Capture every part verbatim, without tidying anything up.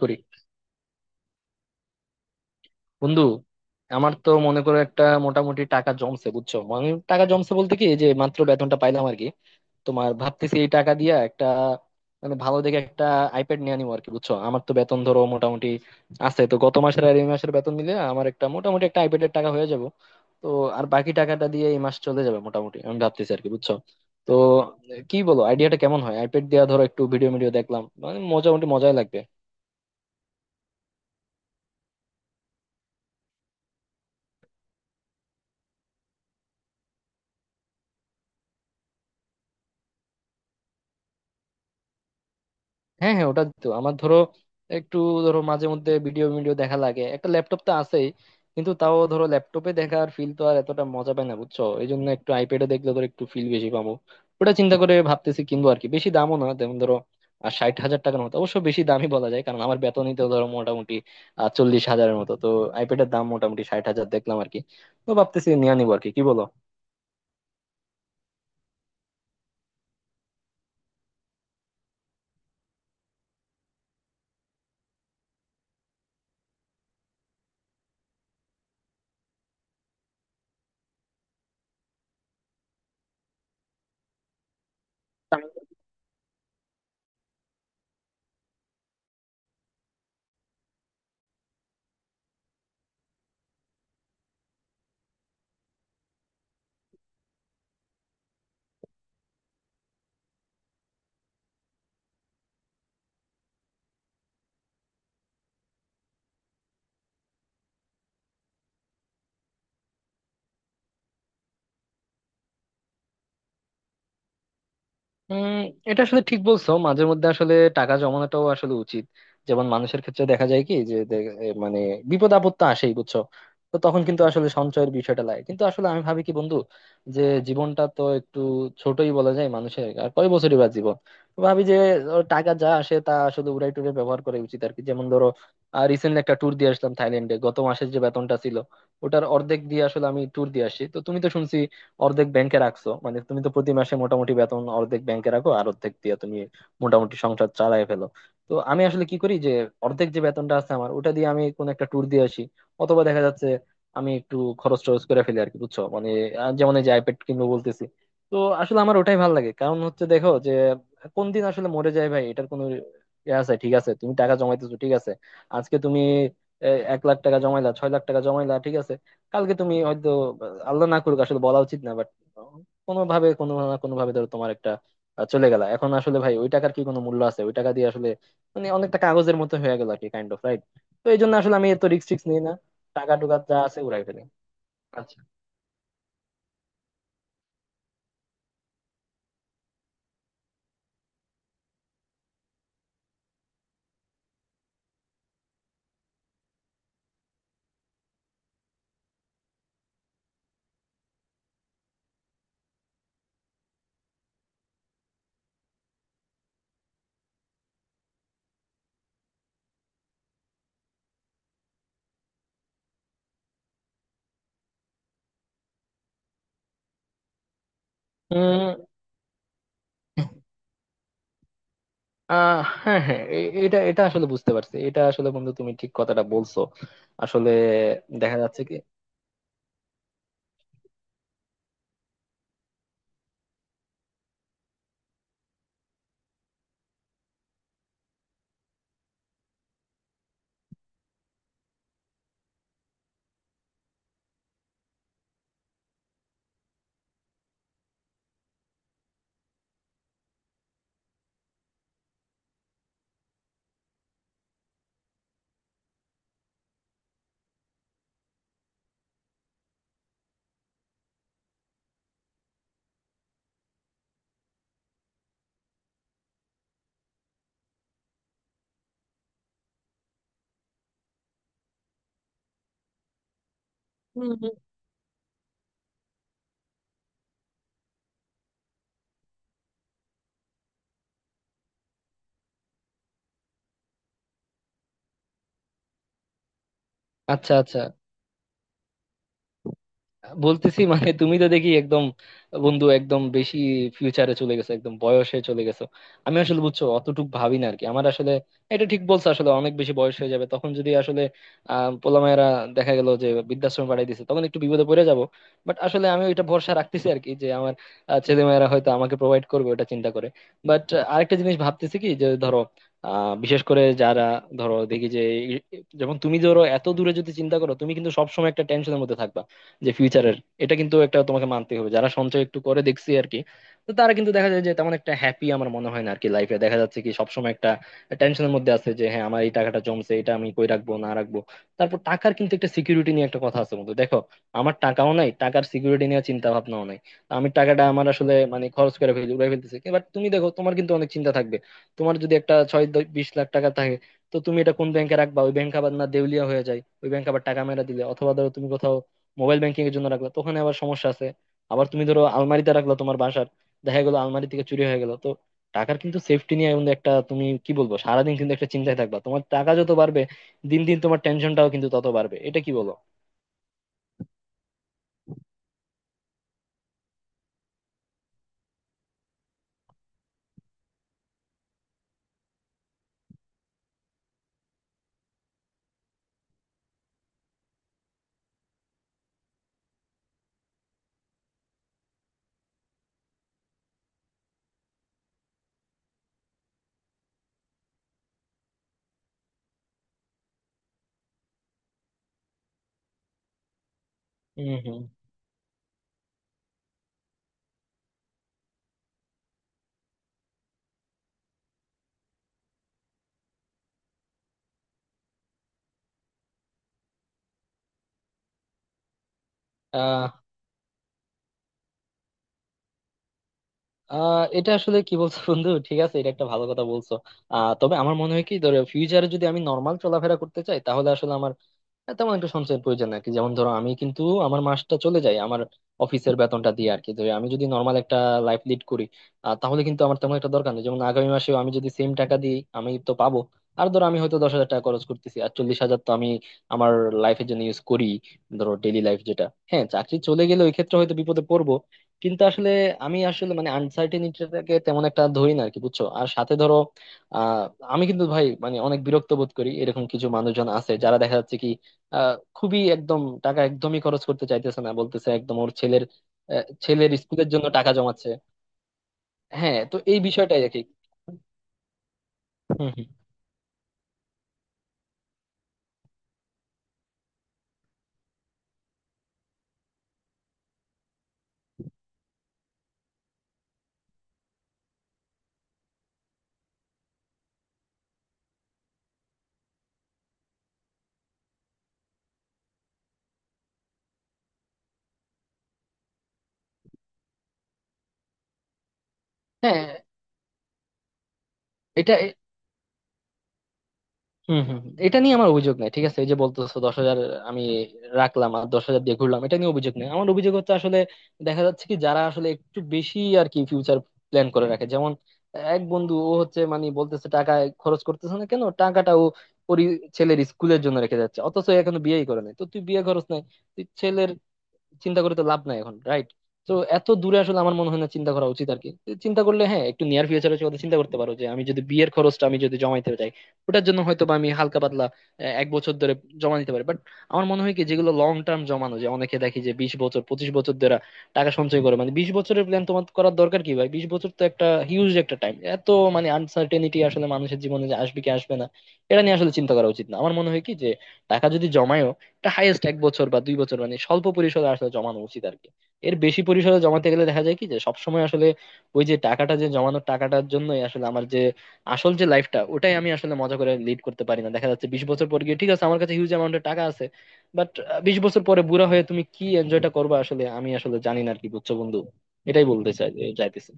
করি বন্ধু। আমার তো মনে করো একটা মোটামুটি টাকা জমছে, বুঝছো? মানে টাকা জমছে বলতে কি, এই যে মাত্র বেতনটা পাইলাম আর কি। তোমার ভাবতেছি এই টাকা দিয়া একটা মানে ভালো দেখে একটা আইপ্যাড নিয়ে নিবো আর কি, বুঝছো? আমার তো বেতন ধরো মোটামুটি আছে, তো গত মাসের আর এই মাসের বেতন মিলে আমার একটা মোটামুটি একটা আইপ্যাডের টাকা হয়ে যাব তো। আর বাকি টাকাটা দিয়ে এই মাস চলে যাবে মোটামুটি, আমি ভাবতেছি আর কি, বুঝছো? তো কি বলো, আইডিয়াটা কেমন হয়? আইপ্যাড দিয়া ধরো একটু ভিডিও ভিডিও দেখলাম, মানে মোটামুটি মজাই লাগবে। হ্যাঁ হ্যাঁ, ওটা তো আমার ধরো একটু, ধরো মাঝে মধ্যে ভিডিও ভিডিও দেখা লাগে। একটা ল্যাপটপ তো আছেই, কিন্তু তাও ধরো ল্যাপটপে দেখার ফিল তো আর এতটা মজা পায় না, বুঝছো? এই জন্য একটু আইপ্যাডে দেখলে ধরো একটু ফিল বেশি পাবো। ওটা চিন্তা করে ভাবতেছি কিনবো আর কি। বেশি দামও না, যেমন ধরো আর ষাট হাজার টাকার মতো। অবশ্য বেশি দামই বলা যায়, কারণ আমার বেতনই তো ধরো মোটামুটি আহ চল্লিশ হাজারের মতো তো। আইপ্যাডের দাম মোটামুটি ষাট হাজার দেখলাম আর কি। তো ভাবতেছি নিয়ে নিবো আর কি, কি বলো? উম এটা আসলে ঠিক বলছো, মাঝে মধ্যে আসলে টাকা জমানোটাও আসলে উচিত। যেমন মানুষের ক্ষেত্রে দেখা যায় কি যে দে- এ মানে বিপদ আপদ তো আসেই, বুঝছো? তো তখন কিন্তু আসলে সঞ্চয়ের বিষয়টা লাগে। কিন্তু আসলে আমি ভাবি কি বন্ধু, যে জীবনটা তো একটু ছোটই বলা যায়, মানুষের আর কয় বছরই বা জীবন। তো ভাবি যে ও টাকা যা আসে তা আসলে উড়াই টুড়ে ব্যবহার করা উচিত আর কি। যেমন ধরো রিসেন্টলি একটা ট্যুর দিয়ে আসলাম থাইল্যান্ডে, গত মাসের যে বেতনটা ছিল ওটার অর্ধেক দিয়ে আসলে আমি ট্যুর দিয়ে আসি। তো তুমি তো শুনছি অর্ধেক ব্যাংকে রাখছো, মানে তুমি তো প্রতি মাসে মোটামুটি বেতন অর্ধেক ব্যাংকে রাখো আর অর্ধেক দিয়ে তুমি মোটামুটি সংসার চালায় ফেলো। তো আমি আসলে কি করি যে, অর্ধেক যে বেতনটা আছে আমার ওটা দিয়ে আমি কোন একটা ট্যুর দিয়ে আসি, অথবা দেখা যাচ্ছে আমি একটু খরচ টরচ করে ফেলি আর কি, বুঝছো? মানে আহ, যেমন এই যে আইপ্যাড কিনবো বলতেছি। তো আসলে আমার ওটাই ভালো লাগে, কারণ হচ্ছে দেখো যে কোন দিন আসলে মরে যায় ভাই, এটার কোনো ইয়ে আছে? ঠিক আছে, তুমি টাকা জমাইতেছো ঠিক আছে। আজকে তুমি এ, এক লাখ টাকা জমাইলা, ছয় লাখ টাকা জমাইলা ঠিক আছে। কালকে তুমি হয়তো আহ, আল্লাহ না করুক আসলে বলা উচিত না, বাট কোনো ভাবে, কোনো না কোনো ভাবে ধরো তোমার একটা আহ, চলে গেল। এখন আসলে ভাই ওই টাকার কি কোনো মূল্য আছে? ওই টাকা দিয়ে আসলে মানে অনেকটা কাগজের মতো হয়ে গেল আর কি। Kind of right? তো এই জন্য আসলে আমি এত রিস্ক টিক্স নিই না, টাকা টুকা যা আছে উড়াই ফেলি। আচ্ছা। উম আহ হ্যাঁ হ্যাঁ, এ- এটা এটা আসলে বুঝতে পারছি, এটা আসলে বন্ধু তুমি ঠিক কথাটা বলছো। আসলে দেখা যাচ্ছে কি, হুম, হুম। আচ্ছা আচ্ছা, বলতেছি মানে তুমি তো দেখি একদম বন্ধু একদম বেশি ফিউচারে চলে গেছো, একদম বয়সে চলে গেছো। আমি আসলে বুঝছো অতটুক ভাবি না আর কি। আমার আসলে এটা ঠিক বলছো, আসলে অনেক বেশি বয়স হয়ে যাবে তখন, যদি আসলে আহ পোলামায়েরা দেখা গেল যে বৃদ্ধাশ্রমে পাঠিয়ে দিছে, তখন একটু বিপদে পড়ে যাব। বাট আসলে আমি ওইটা ভরসা রাখতেছি আর কি, যে আমার ছেলে মেয়েরা হয়তো আমাকে প্রোভাইড করবে, ওটা চিন্তা করে। বাট আরেকটা জিনিস ভাবতেছি কি, যে ধরো আহ বিশেষ করে যারা ধরো দেখি যে এই- যেমন তুমি ধরো এত দূরে যদি চিন্তা করো, তুমি কিন্তু সবসময় একটা টেনশনের মধ্যে থাকবা, যে ফিউচারের। এটা কিন্তু একটা তোমাকে মানতে হবে, যারা সঞ্চয় একটু করে দেখছি আর কি, তো তারা কিন্তু দেখা যায় যে তেমন একটা হ্যাপি আমার মনে হয় না আর কি লাইফে। দেখা যাচ্ছে কি সবসময় একটা টেনশনের মধ্যে আছে, যে হ্যাঁ, আমার এই টাকাটা জমছে, এটা আমি কই রাখবো না রাখবো। তারপর টাকার কিন্তু একটা সিকিউরিটি নিয়ে একটা কথা আছে বন্ধু, দেখো আমার টাকাও নাই, টাকার সিকিউরিটি নিয়ে চিন্তা ভাবনাও নাই। আমি টাকাটা আমার আসলে মানে খরচ করে ফেলি, উড়াই ফেলতেছি। এবার তুমি দেখো তোমার কিন্তু অনেক চিন্তা থাকবে, তোমার যদি একটা ছয় দ- বিশ লাখ টাকা থাকে। তো তুমি এটা কোন ব্যাংকে রাখবা? ওই ব্যাংক আবার না দেউলিয়া হয়ে যায়, ওই ব্যাংক আবার টাকা মেরা দিলে, অথবা ধরো তুমি কোথাও মোবাইল ব্যাংকিং এর জন্য রাখলা, তো ওখানে আবার সমস্যা আছে। আবার তুমি ধরো আলমারিতে রাখলা তোমার বাসার, দেখা গেলো আলমারি থেকে চুরি হয়ে গেল। তো টাকার কিন্তু সেফটি নিয়ে কিন্তু একটা, তুমি কি বলবো সারাদিন কিন্তু একটা চিন্তায় থাকবা, তোমার টাকা যত বাড়বে দিন দিন তোমার টেনশনটাও কিন্তু তত বাড়বে, এটা কি বলো? হম হম। আহ আহ এটা আসলে কি বলছো বন্ধু, ঠিক আছে, এটা একটা ভালো কথা বলছো। আহ তবে আমার মনে হয় কি, ধরো ফিউচারে যদি আমি নর্মাল চলাফেরা করতে চাই, তাহলে আসলে আমার হ্যাঁ, তেমন একটা সঞ্চয়ের প্রয়োজন আর কি। যেমন ধরো আমি কিন্তু আমার মাসটা চলে যায় আমার অফিসের বেতনটা দিয়ে আর কি। তো আমি যদি নর্মাল একটা লাইফ লিড করি, আহ, তাহলে কিন্তু আমার তেমন একটা দরকার নেই। যেমন আগামী মাসেও আমি যদি সেম টাকা দিই আমি তো পাবো। আর ধরো আমি হয়তো দশ হাজার টাকা খরচ করতেছি আর চল্লিশ হাজার তো আমি আমার লাইফের জন্য ইউজ করি, ধরো ডেইলি লাইফ যেটা। হ্যাঁ চাকরি চলে গেলে ওই ক্ষেত্রে হয়তো বিপদে পড়বো, কিন্তু আসলে আমি আসলে মানে আনসার্টেনিটিটাকে তেমন একটা ধরি না আর কি, বুঝছো? আর সাথে ধরো আহ আমি কিন্তু ভাই মানে অনেক বিরক্ত বোধ করি, এরকম কিছু মানুষজন আছে যারা দেখা যাচ্ছে কি আহ, খুবই একদম টাকা একদমই খরচ করতে চাইতেছে না, বলতেছে একদম ওর ছেলের আহ, ছেলের স্কুলের জন্য টাকা জমাচ্ছে। হ্যাঁ, তো এই বিষয়টাই আর কি। হুম, হুম। হ্যাঁ। এটা এ- হুম হুম, এটা নিয়ে আমার অভিযোগ নাই, ঠিক আছে। এই যে বলতেছো দশ হাজার আমি রাখলাম আর দশ হাজার দিয়ে ঘুরলাম, এটা নিয়ে অভিযোগ নেই। আমার অভিযোগ হচ্ছে আসলে দেখা যাচ্ছে কি যারা আসলে একটু বেশি আর কি ফিউচার প্ল্যান করে রাখে, যেমন এক বন্ধু ও হচ্ছে মানে বলতেছে টাকা খরচ করতেছে না কেন, টাকাটা ও ওর ই- ছেলের স্কুলের জন্য রেখে যাচ্ছে। অথচ ও এখনো বিয়েই করে নাই, তো তুই বিয়ে খরচ নাই, তুই ছেলের চিন্তা করে তো লাভ নাই এখন, রাইট? তো এত দূরে আসলে আমার মনে হয় না চিন্তা করা উচিত আর কি। চিন্তা করলে হ্যাঁ, একটু নিয়ার ফিউচারে কথা চিন্তা করতে পারো, যে আমি যদি বিয়ের খরচটা আমি যদি জমাইতে চাই, ওটার জন্য হয়তো বা আমি হালকা পাতলা আহ, এক বছর ধরে জমা নিতে পারি। বাট আমার মনে হয় কি, যেগুলো লং টার্ম জমানো, যে অনেকে দেখি যে বিশ বছর, পঁচিশ বছর ধরে টাকা সঞ্চয় করে, মানে বিশ বছরের প্ল্যান তোমার করার দরকার কি ভাই? বিশ বছর তো একটা হিউজ একটা টাইম। এত মানে আনসার্টেনিটি আসলে মানুষের জীবনে, যে আসবে কি আসবে না, এটা নিয়ে আসলে চিন্তা করা উচিত না। আমার মনে হয় কি যে টাকা যদি জমায়ও, এটা হাইয়েস্ট এক বছর বা দুই বছর, মানে স্বল্প পরিসরে আসলে জমানো উচিত আর কি। এর বেশি পরিসরে জমাতে গেলে দেখা যায় কি যে সবসময় আসলে ওই যে টাকাটা, যে জমানোর টাকাটার জন্যই আসলে আমার যে আসল যে লাইফটা, ওটাই আমি আসলে মজা করে লিড করতে পারি না। দেখা যাচ্ছে বিশ বছর পর গিয়ে ঠিক আছে আমার কাছে হিউজ অ্যামাউন্টের টাকা আছে, বাট বিশ বছর পরে বুড়া হয়ে তুমি কি এনজয়টা করবে আসলে, আমি আসলে জানি না আর কি, বুঝছো বন্ধু? এটাই বলতে চাই যাইতেছি।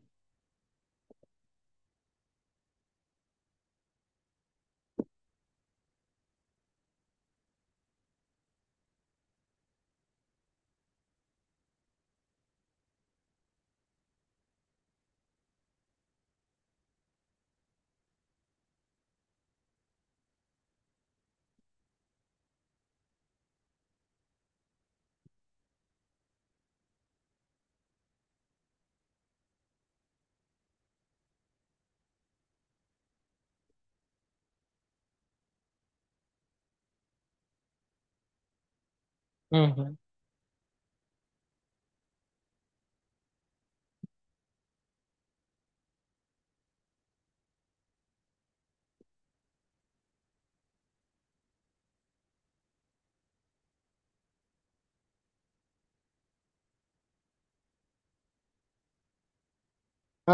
হম হম।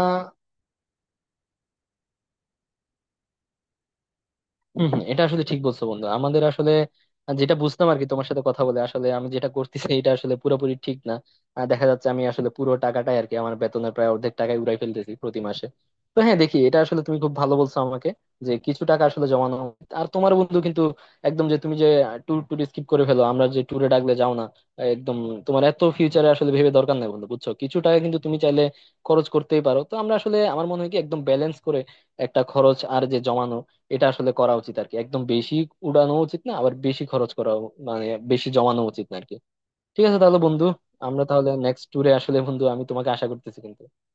আহ হম হম, এটা আসলে ঠিক বলছো বন্ধু। আমাদের আসলে যেটা বুঝতাম আর কি, তোমার সাথে কথা বলে আসলে আমি যেটা করতেছি এটা আসলে পুরোপুরি ঠিক না। আহ, দেখা যাচ্ছে আমি আসলে পুরো টাকাটাই আর কি আমার বেতনের প্রায় অর্ধেক টাকাই উড়াই ফেলতেছি প্রতি মাসে। তো হ্যাঁ, দেখি এটা আসলে তুমি খুব ভালো বলছো আমাকে, যে কিছু টাকা আসলে জমানো উচিত। আর তোমার বন্ধু কিন্তু একদম, যে তুমি যে ট্যুর ট্যুর স্কিপ করে ফেলো, আমরা যে ট্যুরে ডাকলে যাও না একদম, তোমার এত ফিউচারে আসলে ভেবে দরকার নাই বন্ধু, বুঝছো? কিছু টাকা কিন্তু তুমি চাইলে খরচ করতেই পারো। তো আমরা আসলে আমার মনে হয় কি একদম ব্যালেন্স করে একটা খরচ আর যে জমানো, এটা আসলে করা উচিত আর কি। একদম বেশি উড়ানো উচিত না, আবার বেশি খরচ করা মানে বেশি জমানো উচিত না আর কি। ঠিক আছে তাহলে বন্ধু, আমরা তাহলে নেক্সট ট্যুরে আসলে বন্ধু আমি তোমাকে আশা করতেছি কিন্তু।